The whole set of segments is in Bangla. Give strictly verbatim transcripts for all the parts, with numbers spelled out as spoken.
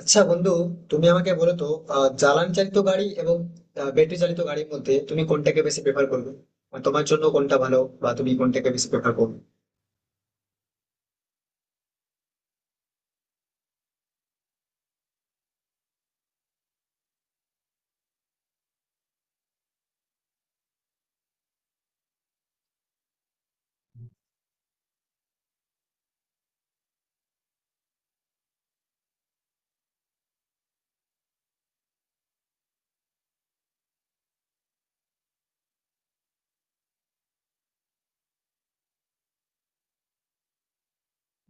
আচ্ছা বন্ধু, তুমি আমাকে বলো তো, আহ, জ্বালানি চালিত গাড়ি এবং ব্যাটারি চালিত গাড়ির মধ্যে তুমি কোনটাকে বেশি প্রেফার করবে? মানে তোমার জন্য কোনটা ভালো, বা তুমি কোনটাকে বেশি প্রেফার করবে?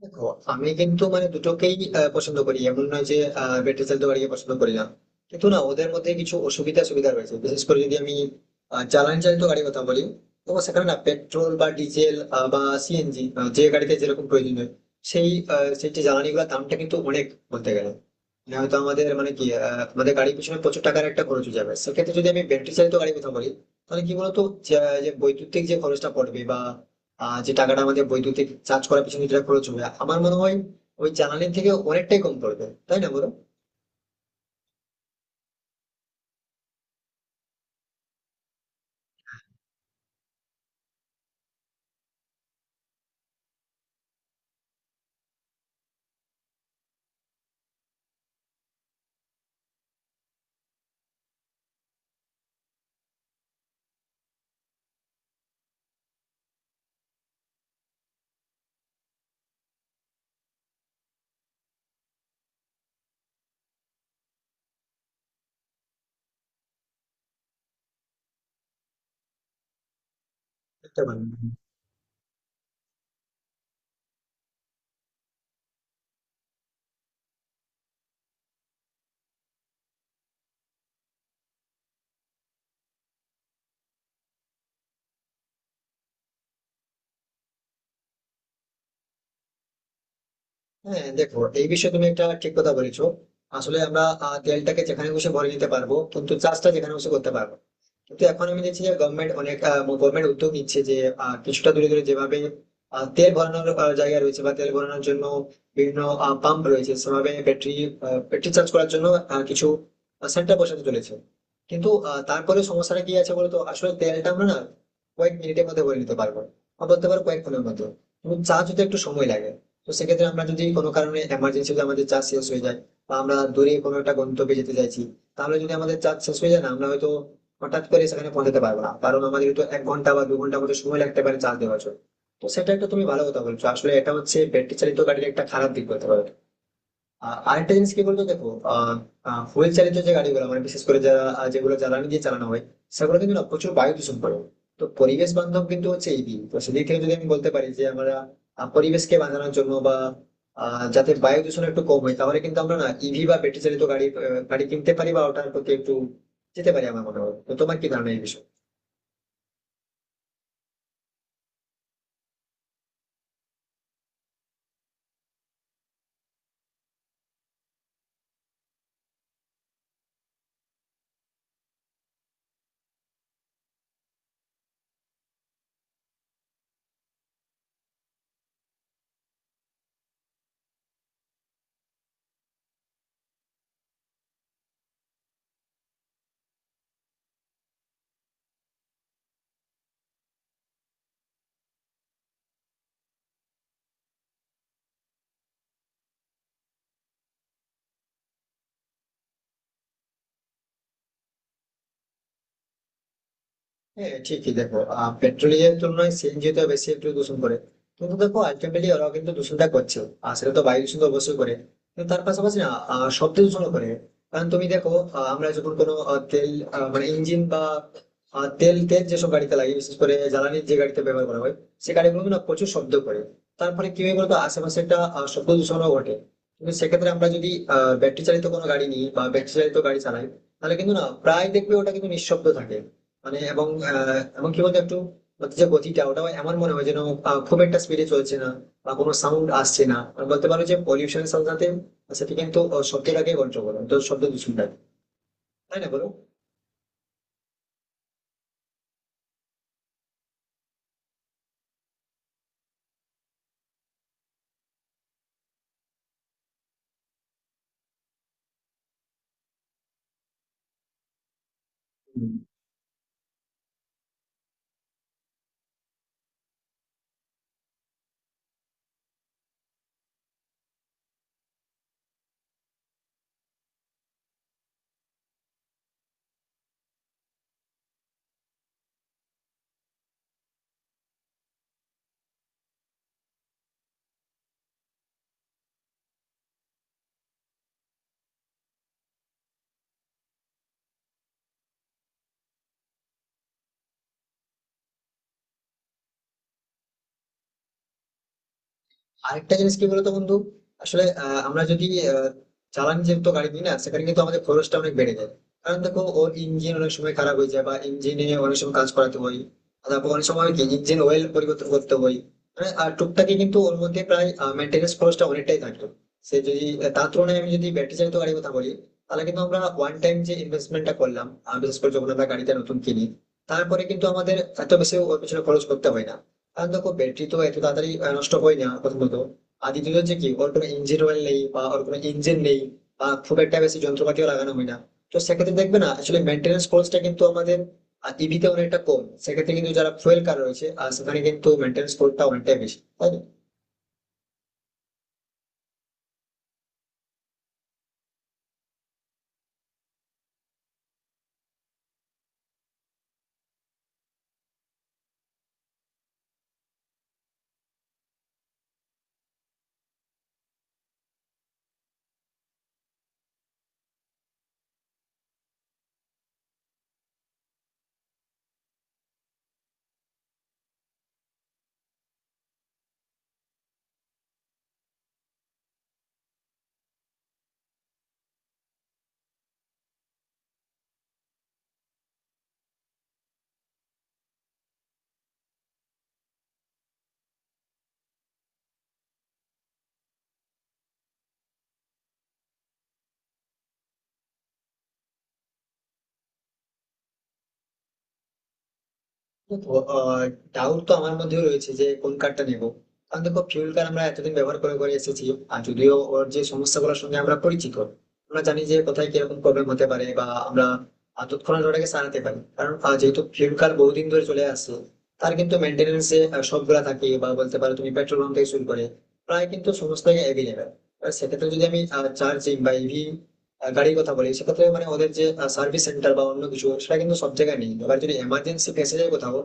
দেখো, আমি কিন্তু মানে দুটোকেই আহ, পছন্দ করি, এমন নয় যে ব্যাটারি চালিত গাড়িকে পছন্দ করি না, কিন্তু না, ওদের মধ্যে কিছু অসুবিধা সুবিধা রয়েছে। বিশেষ করে যদি আমি আহ, জ্বালানি চালিত গাড়ির কথা বলি, তো সেখানে না পেট্রোল বা ডিজেল বা সিএনজি, যে গাড়িতে যেরকম প্রয়োজন হয়, সেই আহ, সেই যে জ্বালানি গুলোর দামটা কিন্তু অনেক, বলতে গেলে মানে হয়তো আমাদের মানে কি আহ, আমাদের গাড়ির পিছনে প্রচুর টাকার একটা খরচ হয়ে যাবে। সেক্ষেত্রে যদি আমি ব্যাটারি চালিত গাড়ির কথা বলি, তাহলে কি বলতো যে, যে বৈদ্যুতিক যে খরচটা পড়বে বা আহ যে টাকাটা আমাদের বৈদ্যুতিক চার্জ করার পিছনে যেটা খরচ হবে, আমার মনে হয় ওই জ্বালানির থেকে অনেকটাই কম পড়বে, তাই না বলো? দেখতে পারেন। হ্যাঁ, দেখো, এই বিষয়ে তুমি একটা ঠিক কথা বলেছো। আসলে আমরা আহ, তেলটাকে যেখানে খুশি ভরে নিতে পারবো, কিন্তু চাষটা যেখানে খুশি করতে পারবো না। কিন্তু এখন আমি দেখছি যে গভর্নমেন্ট অনেক গভর্নমেন্ট উদ্যোগ নিচ্ছে যে আহ, কিছুটা দূরে দূরে যেভাবে আহ, তেল ভরানোর আহ, জায়গা রয়েছে বা তেল ভরানোর জন্য বিভিন্ন পাম্প রয়েছে, সেভাবে ব্যাটারি ব্যাটারি চার্জ করার জন্য আহ, কিছু সেন্টার বসাতে চলেছে। কিন্তু আহ, তারপরে সমস্যাটা কি আছে বলতো, আসলে তেলটা আমরা না কয়েক মিনিটের মধ্যে ভরে নিতে পারবো, বা বলতে পারো কয়েক ক্ষণের মধ্যে, কিন্তু চার্জ হতে একটু সময় লাগে। তো সেক্ষেত্রে আমরা যদি কোনো কারণে এমার্জেন্সি আমাদের চার্জ শেষ হয়ে যায় বা আমরা দূরে কোনো একটা গন্তব্যে যেতে চাইছি, তাহলে যদি আমাদের চার্জ শেষ হয়ে যায় না, আমরা হয়তো হঠাৎ করে সেখানে পৌঁছাতে পারবো না, কারণ আমাদের তো এক ঘন্টা বা দু ঘন্টা মতো সময় লাগতে পারে চার্জ দেওয়ার জন্য। তো সেটা একটা তুমি ভালো কথা বলছো, আসলে এটা হচ্ছে ব্যাটারি চালিত গাড়ির একটা খারাপ দিক বলতে পারো। আ- আরেকটা জিনিস কি বলতো দেখো, ফুয়েল চালিত যে গাড়িগুলো মানে বিশেষ করে যারা আহ, যেগুলো জ্বালানি দিয়ে চালানো হয়, সেগুলো কিন্তু না প্রচুর বায়ু দূষণ করে, তো পরিবেশ বান্ধব কিন্তু হচ্ছে এই দিক। তো সেদিক থেকে যদি আমি বলতে পারি যে আমরা আহ, পরিবেশকে বাঁচানোর জন্য বা আহ, যাতে বায়ু দূষণ একটু কম হয়, তাহলে কিন্তু আমরা না ইভি বা ব্যাটারি চালিত গাড়ি আহ, গাড়ি কিনতে পারি বা ওটার প্রতি একটু যেতে পারি, আমার মনে হয়। তো তোমার কি ধারণা এই বিষয়ে? হ্যাঁ, ঠিকই। দেখো, আহ পেট্রোলের জন্য সিএনজি তো বেশি একটু দূষণ করে, কিন্তু দেখো আলটিমেটলি ওরাও কিন্তু দূষণটা করছে, আর সেটা তো বায়ু দূষণ তো অবশ্যই করে, কিন্তু তার পাশাপাশি না আহ, শব্দ দূষণ করে। কারণ তুমি দেখো, আহ, আমরা যখন কোনো আহ, তেল আহ, মানে ইঞ্জিন বা আহ, তেল তেল যেসব গাড়িতে লাগে, বিশেষ করে জ্বালানির যে গাড়িতে ব্যবহার করা হয়, সে গাড়িগুলো কিন্তু না প্রচুর শব্দ করে। তারপরে কি হয় বলতো, আশেপাশে একটা আহ, শব্দ দূষণও ঘটে। কিন্তু সেক্ষেত্রে আমরা যদি ব্যাটারি চালিত কোনো গাড়ি নিই বা ব্যাটারি চালিত গাড়ি চালাই, তাহলে কিন্তু না প্রায় দেখবে ওটা কিন্তু নিঃশব্দ থাকে। মানে এবং আহ, এমনকি বলতে একটু ওর যে গতিটা, ওটাও এমন মনে হয় যেন আহ, খুব একটা স্পিডে চলছে না বা কোনো সাউন্ড আসছে না। মানে বলতে পারো যে পলিউশনের সাথে সাথে সেটি কিন্তু আহ, শব্দটাকে কন্ট্রোল করে, তো শব্দ দূষণটাকে। তাই না বলো? হুম। আরেকটা জিনিস কি বলতো বন্ধু, আসলে আহ, আমরা যদি আহ, জ্বালানি যুক্ত গাড়ি নিই না, সেখানে কিন্তু আমাদের খরচটা অনেক বেড়ে যায়। কারণ দেখো, ওর ইঞ্জিন অনেক সময় খারাপ হয়ে যায় বা ইঞ্জিনে অনেক সময় কাজ করাতে হয়, আর তারপর অনেক সময় কি ইঞ্জিন অয়েল পরিবর্তন করতে হয়, মানে আর টুকটাকি কিন্তু ওর মধ্যে প্রায় মেনটেন্যান্স খরচটা অনেকটাই থাকতো। সে যদি তার তুলনায় আমি যদি ব্যাটারি চালিত গাড়ির কথা বলি, তাহলে কিন্তু আমরা ওয়ান টাইম যে ইনভেস্টমেন্টটা করলাম আহ, বিশেষ করে যখন আমরা গাড়িটা নতুন কিনি, তারপরে কিন্তু আমাদের এত বেশি ওর পিছনে খরচ করতে হয় না। আর দেখো ব্যাটারি তো এত তাড়াতাড়ি আহ, নষ্ট হয় না প্রথমত, আর দ্বিতীয়ত হচ্ছে কি ওর কোনো ইঞ্জিন অয়েল নেই বা ওর কোনো ইঞ্জিন নেই বা খুব একটা বেশি যন্ত্রপাতিও লাগানো হয় না। তো সেক্ষেত্রে দেখবে না আসলে মেনটেন্স খরচটা কিন্তু আমাদের ইভিতে অনেকটা কম। সেক্ষেত্রে কিন্তু যারা ফুয়েল কার রয়েছে, আর সেখানে কিন্তু মেনটেন্স খরচটা অনেকটাই বেশি, তাই না? দেখো, ডাউট তো আমার মধ্যেও রয়েছে যে কোন কারটা নেব। কারণ দেখো, ফিউল কার আমরা এতদিন ব্যবহার করে করে এসেছি, আর যদিও ওর যে সমস্যাগুলোর সঙ্গে আমরা পরিচিত, আমরা জানি যে কোথায় কিরকম প্রবলেম হতে পারে বা আমরা আহ, তৎক্ষণাৎ ওটাকে সারাতে পারি। কারণ আহ, যেহেতু ফিউল কার বহুদিন ধরে চলে আসছে, তার কিন্তু মেনটেনেন্স এ আহ, সবগুলা থাকে বা বলতে পারো তুমি পেট্রোল পাম্প থেকে শুরু করে প্রায় কিন্তু সমস্তই অ্যাভেলেবেল। সেক্ষেত্রে যদি আমি চার্জিং বা ইভি আহ, গাড়ির কথা বলি, সেক্ষেত্রে মানে ওদের যে সার্ভিস সেন্টার বা অন্য কিছু সেটা কিন্তু সব জায়গায় নেই। এবার যদি এমার্জেন্সি ফেসে যায় কোথাও,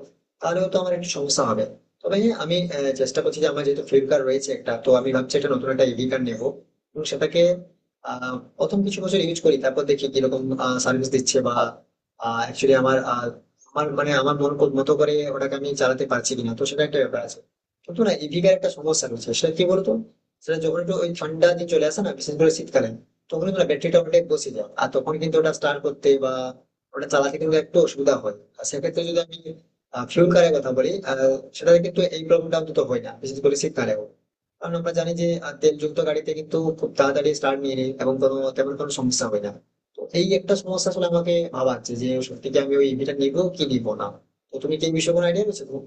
তাহলে তো আমার একটু সমস্যা হবে। তবে হ্যাঁ, আমি আহ, চেষ্টা করছি যে আমার যেহেতু ফ্লিপকার্ট রয়েছে একটা, তো আমি ভাবছি একটা নতুন একটা ইভি কার্ড নেবো এবং সেটাকে আহ, প্রথম কিছু বছর ইউজ করি, তারপর দেখি কিরকম সার্ভিস দিচ্ছে বা অ্যাকচুয়ালি আমার আহ, আমার মানে আমার মন কো- মতো করে ওটাকে আমি চালাতে পারছি কিনা, তো সেটা একটা ব্যাপার আছে। কিন্তু না, ইভিকার একটা সমস্যা রয়েছে, সেটা কি বলতো, সেটা যখন একটু ওই ঠান্ডা দিন চলে আসে না, বিশেষ করে শীতকালে, তখন কিন্তু না ব্যাটারিটা অনেক বসে যায়, আর তখন কিন্তু ওটা স্টার্ট করতে বা ওটা চালাতে কিন্তু একটু অসুবিধা হয়। আর সেক্ষেত্রে যদি আমি ফিউল কারের কথা বলি, আহ, সেটাতে কিন্তু এই প্রবলেমটা অন্তত হয় না, বিশেষ করে শীতকালেও, কারণ আমরা জানি যে আহ, তেলযুক্ত গাড়িতে কিন্তু খুব তাড়াতাড়ি স্টার্ট নিয়ে নেয় এবং কোনো তেমন কোনো সমস্যা হয় না। তো এই একটা সমস্যা আসলে আমাকে ভাবাচ্ছে যে সত্যি কি আমি ওই ইভিটা নিবো কি নিবো না। তো তুমি কি এই বিষয়ে কোনো আইডিয়া রয়েছে তোমার?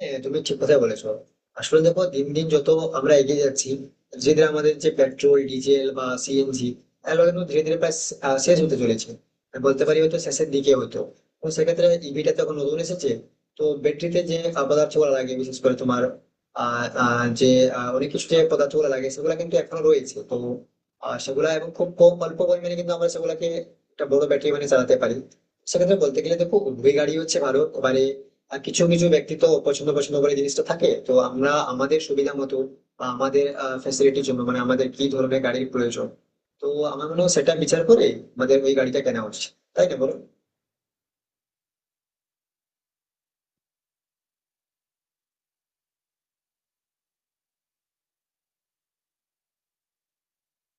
হ্যাঁ, তুমি ঠিক কথাই বলেছো। আসলে দেখো, দিন দিন যত আমরা এগিয়ে যাচ্ছি, ধীরে ধীরে আমাদের যে পেট্রোল ডিজেল বা সিএনজি এগুলো কিন্তু ধীরে ধীরে প্রায় শে- আহ, শেষ হতে চলেছে, আমি বলতে পারি হয়তো শেষের দিকে হতো। তো সেক্ষেত্রে ইভিটা তখন নতুন এসেছে, তো ব্যাটারিতে যে পদার্থ গুলো লাগে বিশেষ করে তোমার আহ আহ, যে আহ, অনেক কিছু যে পদার্থ গুলো লাগে, সেগুলো কিন্তু এখনো রয়েছে। তো আহ, সেগুলা এবং খুব কম অল্প পরিমাণে কিন্তু আমরা সেগুলাকে একটা বড় ব্যাটারি মানে চালাতে পারি। সেক্ষেত্রে বলতে গেলে দেখো উভয় গাড়ি হচ্ছে ভালো, মানে আর কিছু কিছু ব্যক্তি তো পছন্দ পছন্দ করে জিনিসটা থাকে, তো আমরা আমাদের সুবিধা মতো বা আমাদের ফ্যাসিলিটির জন্য মানে আমাদের কি ধরনের গাড়ির প্রয়োজন, তো আমার মনে হয় সেটা বিচার করে আমাদের ওই গাড়িটা কেনা উচিত। তাই না বলো?